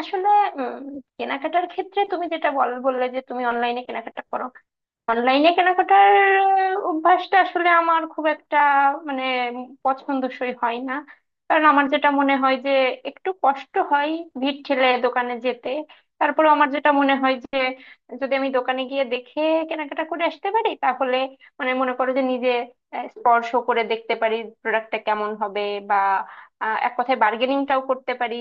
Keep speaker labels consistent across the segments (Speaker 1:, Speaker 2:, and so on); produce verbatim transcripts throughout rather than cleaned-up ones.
Speaker 1: আসলে উম কেনাকাটার ক্ষেত্রে তুমি যেটা বল বললে যে তুমি অনলাইনে কেনাকাটা করো। অনলাইনে কেনাকাটার আহ, অভ্যাসটা আসলে আমার খুব একটা মানে পছন্দসই হয় না। কারণ আমার যেটা মনে হয় যে একটু কষ্ট হয় ভিড় ঠেলে দোকানে যেতে। তারপরে আমার যেটা মনে হয় যে যদি আমি দোকানে গিয়ে দেখে কেনাকাটা করে আসতে পারি তাহলে মানে মনে করো যে নিজে আহ, স্পর্শ করে দেখতে পারি প্রোডাক্টটা কেমন হবে, বা আহ, এক কথায় বার্গেনিংটাও করতে পারি।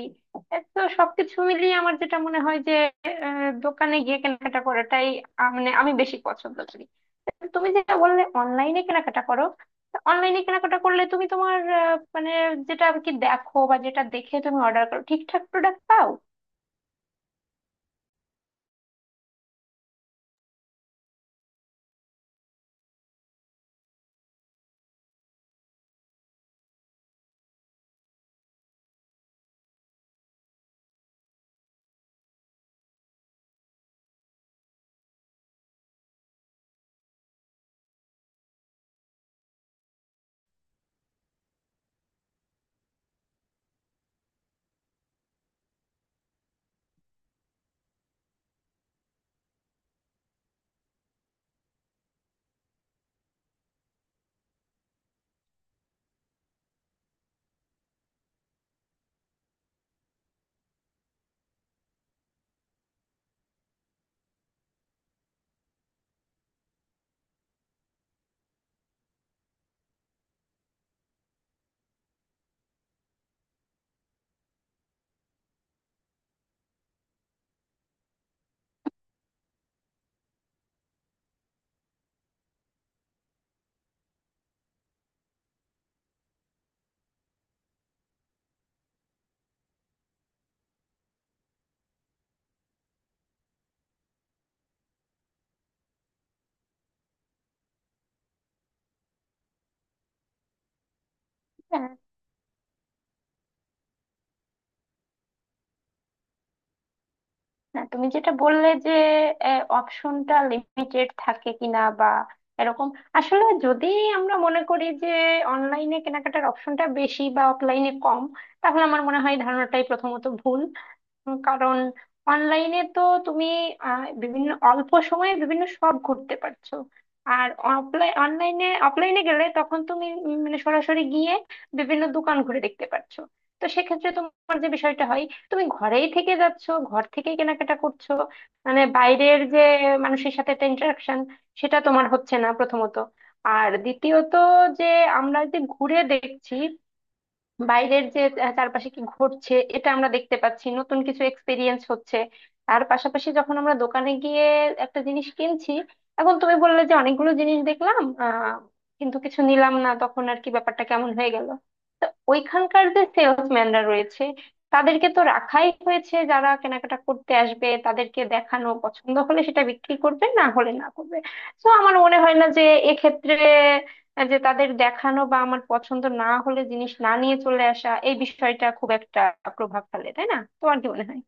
Speaker 1: এ তো সবকিছু মিলিয়ে আমার যেটা মনে হয় যে দোকানে গিয়ে কেনাকাটা করাটাই আহ, মানে আমি বেশি পছন্দ করি। তো তুমি যেটা বললে অনলাইনে কেনাকাটা করো, অনলাইনে কেনাকাটা করলে তুমি তোমার আহ, মানে যেটা আর কি দেখো বা যেটা দেখে তুমি অর্ডার করো ঠিকঠাক প্রোডাক্ট পাও? হ্যাঁ। হ্যাঁ, তুমি যেটা বললে যে অপশনটা লিমিটেড থাকে কিনা বা এরকম, আসলে যদি আমরা মনে করি যে অনলাইনে কেনাকাটার অপশনটা বেশি বা অফলাইনে কম, তাহলে আমার মনে হয় ধারণাটাই প্রথমত ভুল। উম, কারণ অনলাইনে তো তুমি আহ, বিভিন্ন অল্প সময়ে বিভিন্ন সব ঘুরতে পারছো। আর অফলাইন অনলাইনে অফলাইনে গেলে তখন তুমি উম, মানে সরাসরি গিয়ে বিভিন্ন দোকান ঘুরে দেখতে পারছো। তো সেক্ষেত্রে তোমার যে বিষয়টা হয়, তুমি ঘরেই থেকে যাচ্ছো, ঘর থেকেই কেনাকাটা করছো। মানে বাইরের যে মানুষের সাথে একটা ইন্টারাকশন, সেটা তোমার হচ্ছে না প্রথমত। আর দ্বিতীয়ত, যে আমরা যে ঘুরে দেখছি বাইরের যে আহ, চারপাশে কি ঘটছে এটা আমরা দেখতে পাচ্ছি, নতুন কিছু এক্সপিরিয়েন্স হচ্ছে। তার পাশাপাশি যখন আমরা দোকানে গিয়ে একটা জিনিস কিনছি, এখন তুমি বললে যে অনেকগুলো জিনিস দেখলাম আহ কিন্তু কিছু নিলাম না, তখন আর কি ব্যাপারটা কেমন হয়ে গেল। তো ওইখানকার যে সেলসম্যানরা রয়েছে, তাদেরকে তো রাখাই হয়েছে, যারা কেনাকাটা করতে আসবে তাদেরকে দেখানো, পছন্দ হলে সেটা বিক্রি করবে না হলে না করবে। তো আমার মনে হয় না যে এক্ষেত্রে আহ যে তাদের দেখানো বা আমার পছন্দ না হলে জিনিস না নিয়ে চলে আসা এই বিষয়টা খুব একটা প্রভাব ফেলে, তাই না? তোমার কি মনে হয়?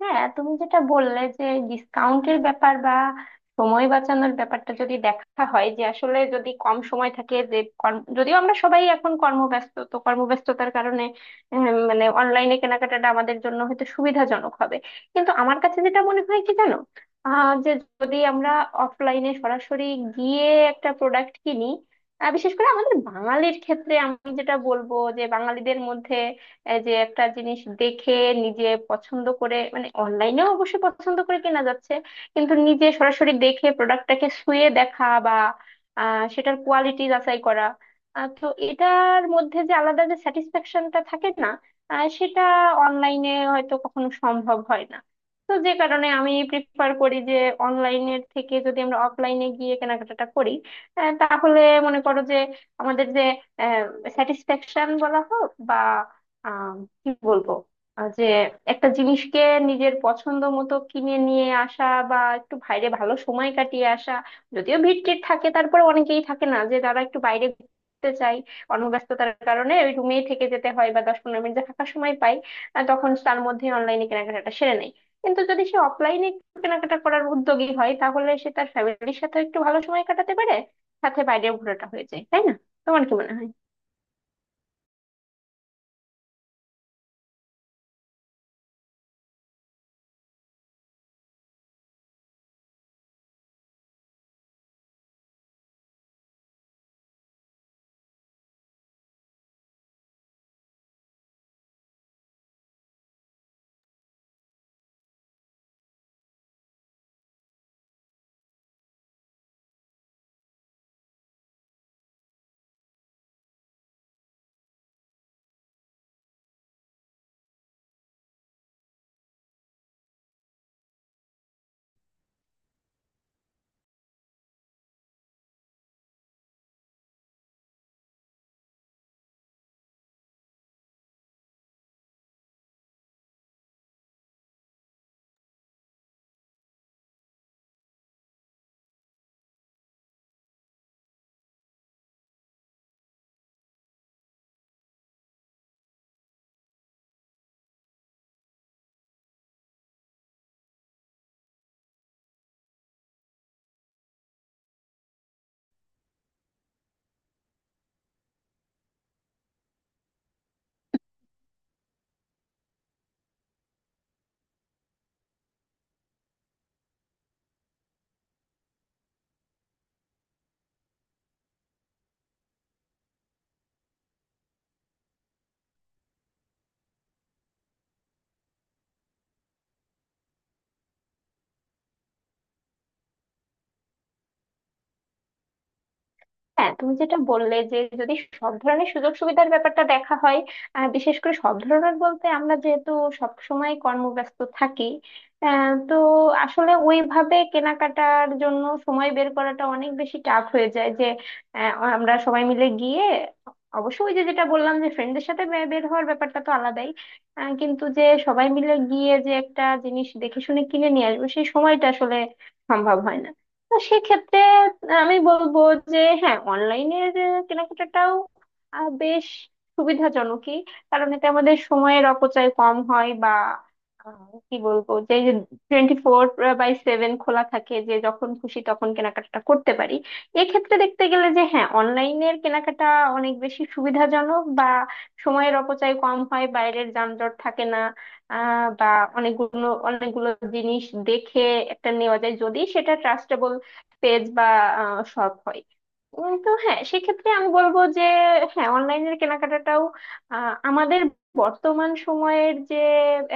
Speaker 1: হ্যাঁ, তুমি যেটা বললে যে ডিসকাউন্টের ব্যাপার বা সময় বাঁচানোর ব্যাপারটা যদি দেখা হয় যে, আসলে যদি কম সময় থাকে যে কর্ম- যদিও আমরা সবাই এখন কর্মব্যস্ত, তো কর্মব্যস্ততার কারণে উম, মানে অনলাইনে কেনাকাটাটা আমাদের জন্য হয়তো সুবিধাজনক হবে। কিন্তু আমার কাছে যেটা মনে হয় কি জানো, আহ যে যদি আমরা অফলাইনে সরাসরি গিয়ে একটা প্রোডাক্ট কিনি, আহ, বিশেষ করে আমাদের বাঙালির ক্ষেত্রে আমি যেটা বলবো যে বাঙালিদের মধ্যে এই যে একটা জিনিস দেখে নিজে পছন্দ করে, মানে অনলাইনেও অবশ্যই পছন্দ করে কেনা যাচ্ছে, কিন্তু নিজে সরাসরি দেখে প্রোডাক্টটাকে ছুঁয়ে দেখা বা আহ, সেটার কোয়ালিটি যাচাই করা, আহ, তো এটার মধ্যে যে আলাদা যে স্যাটিসফ্যাকশনটা থাকে না, আহ, সেটা অনলাইনে হয়তো কখনো সম্ভব হয় না। তো যে কারণে আমি প্রিফার করি যে অনলাইনের থেকে যদি আমরা অফলাইনে গিয়ে কেনাকাটাটা করি, আহ, তাহলে মনে করো যে আমাদের যে স্যাটিসফ্যাকশন বলা হোক বা আহ কি বলবো, আহ যে একটা জিনিসকে নিজের পছন্দ মতো কিনে নিয়ে আসা বা একটু বাইরে ভালো সময় কাটিয়ে আসা। যদিও ভিড় টির থাকে, তারপরে অনেকেই থাকে না যে তারা একটু বাইরে ঘুরতে চায়, কর্মব্যস্ততার কারণে ওই রুমেই থেকে যেতে হয় বা দশ পনেরো মিনিট যে ফাঁকা সময় পাই, আহ তখন তার মধ্যে অনলাইনে কেনাকাটাটা সেরে নেয়। কিন্তু যদি সে অফলাইনে কেনাকাটা করার উদ্যোগী হয়, তাহলে সে তার ফ্যামিলির সাথে একটু ভালো সময় কাটাতে পারে, সাথে বাইরে ঘোরাটা হয়ে যায়, তাই না? তোমার কি মনে হয়? হ্যাঁ, তুমি যেটা বললে যে যদি সব ধরনের সুযোগ সুবিধার ব্যাপারটা দেখা হয়, আহ, বিশেষ করে সব ধরনের বলতে আমরা যেহেতু সব সময় কর্মব্যস্ত থাকি, আহ, তো আসলে ওইভাবে কেনাকাটার জন্য সময় বের করাটা অনেক বেশি টাফ হয়ে যায় যে আহ, আমরা সবাই মিলে গিয়ে, অবশ্য ওই যে যেটা বললাম যে ফ্রেন্ডদের সাথে বে- বের হওয়ার ব্যাপারটা তো আলাদাই। আহ, কিন্তু যে সবাই মিলে গিয়ে যে একটা জিনিস দেখে শুনে কিনে নিয়ে আসবো, সেই সময়টা আসলে সম্ভব হয় না। তো সেক্ষেত্রে আমি বলবো যে হ্যাঁ, অনলাইনের কেনাকাটাটাও আহ, বেশ সুবিধাজনকই, কারণ এতে আমাদের সময়ের অপচয় কম হয় বা আহ, কি বলবো যে টোয়েন্টি ফোর বাই সেভেন খোলা থাকে, যে যখন খুশি তখন কেনাকাটা করতে পারি। এক্ষেত্রে দেখতে গেলে যে হ্যাঁ, অনলাইনের কেনাকাটা অনেক বেশি সুবিধাজনক বা সময়ের অপচয় কম হয়, বাইরের যানজট থাকে না। আহ বা অনেকগুলো অনেকগুলো জিনিস দেখে একটা নেওয়া যায় যদি সেটা পেজ বা শপ হয়। উম, তো হ্যাঁ, সেক্ষেত্রে আমি বলবো যে হ্যাঁ অনলাইনের কেনাকাটাটাও আহ, আমাদের বর্তমান সময়ের যে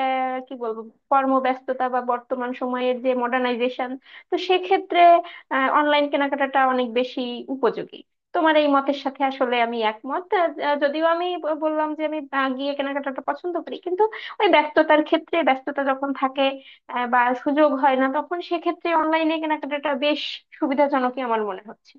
Speaker 1: আহ, কি বলবো, কর্মব্যস্ততা বা বর্তমান সময়ের যে মডার্নাইজেশন, তো সেক্ষেত্রে অনলাইন কেনাকাটাটা অনেক বেশি উপযোগী। তোমার এই মতের সাথে আসলে আমি একমত। আহ, যদিও আমি ব- বললাম যে আমি আহ, গিয়ে কেনাকাটাটা পছন্দ করি, কিন্তু ওই ব্যস্ততার ক্ষেত্রে, ব্যস্ততা যখন থাকে আহ, বা সুযোগ হয় না, তখন সেক্ষেত্রে অনলাইনে কেনাকাটাটা বেশ সুবিধাজনকই আমার মনে হচ্ছে।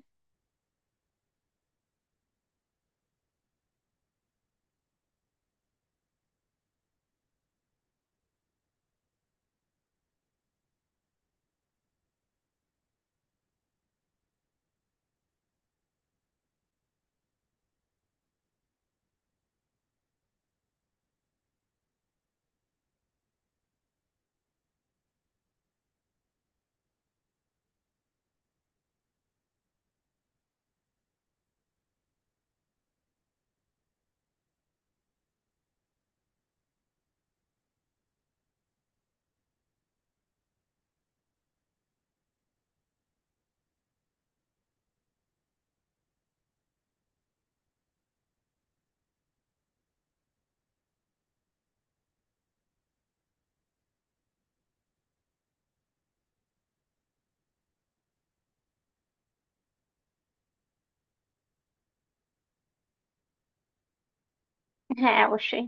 Speaker 1: হ্যাঁ, অবশ্যই।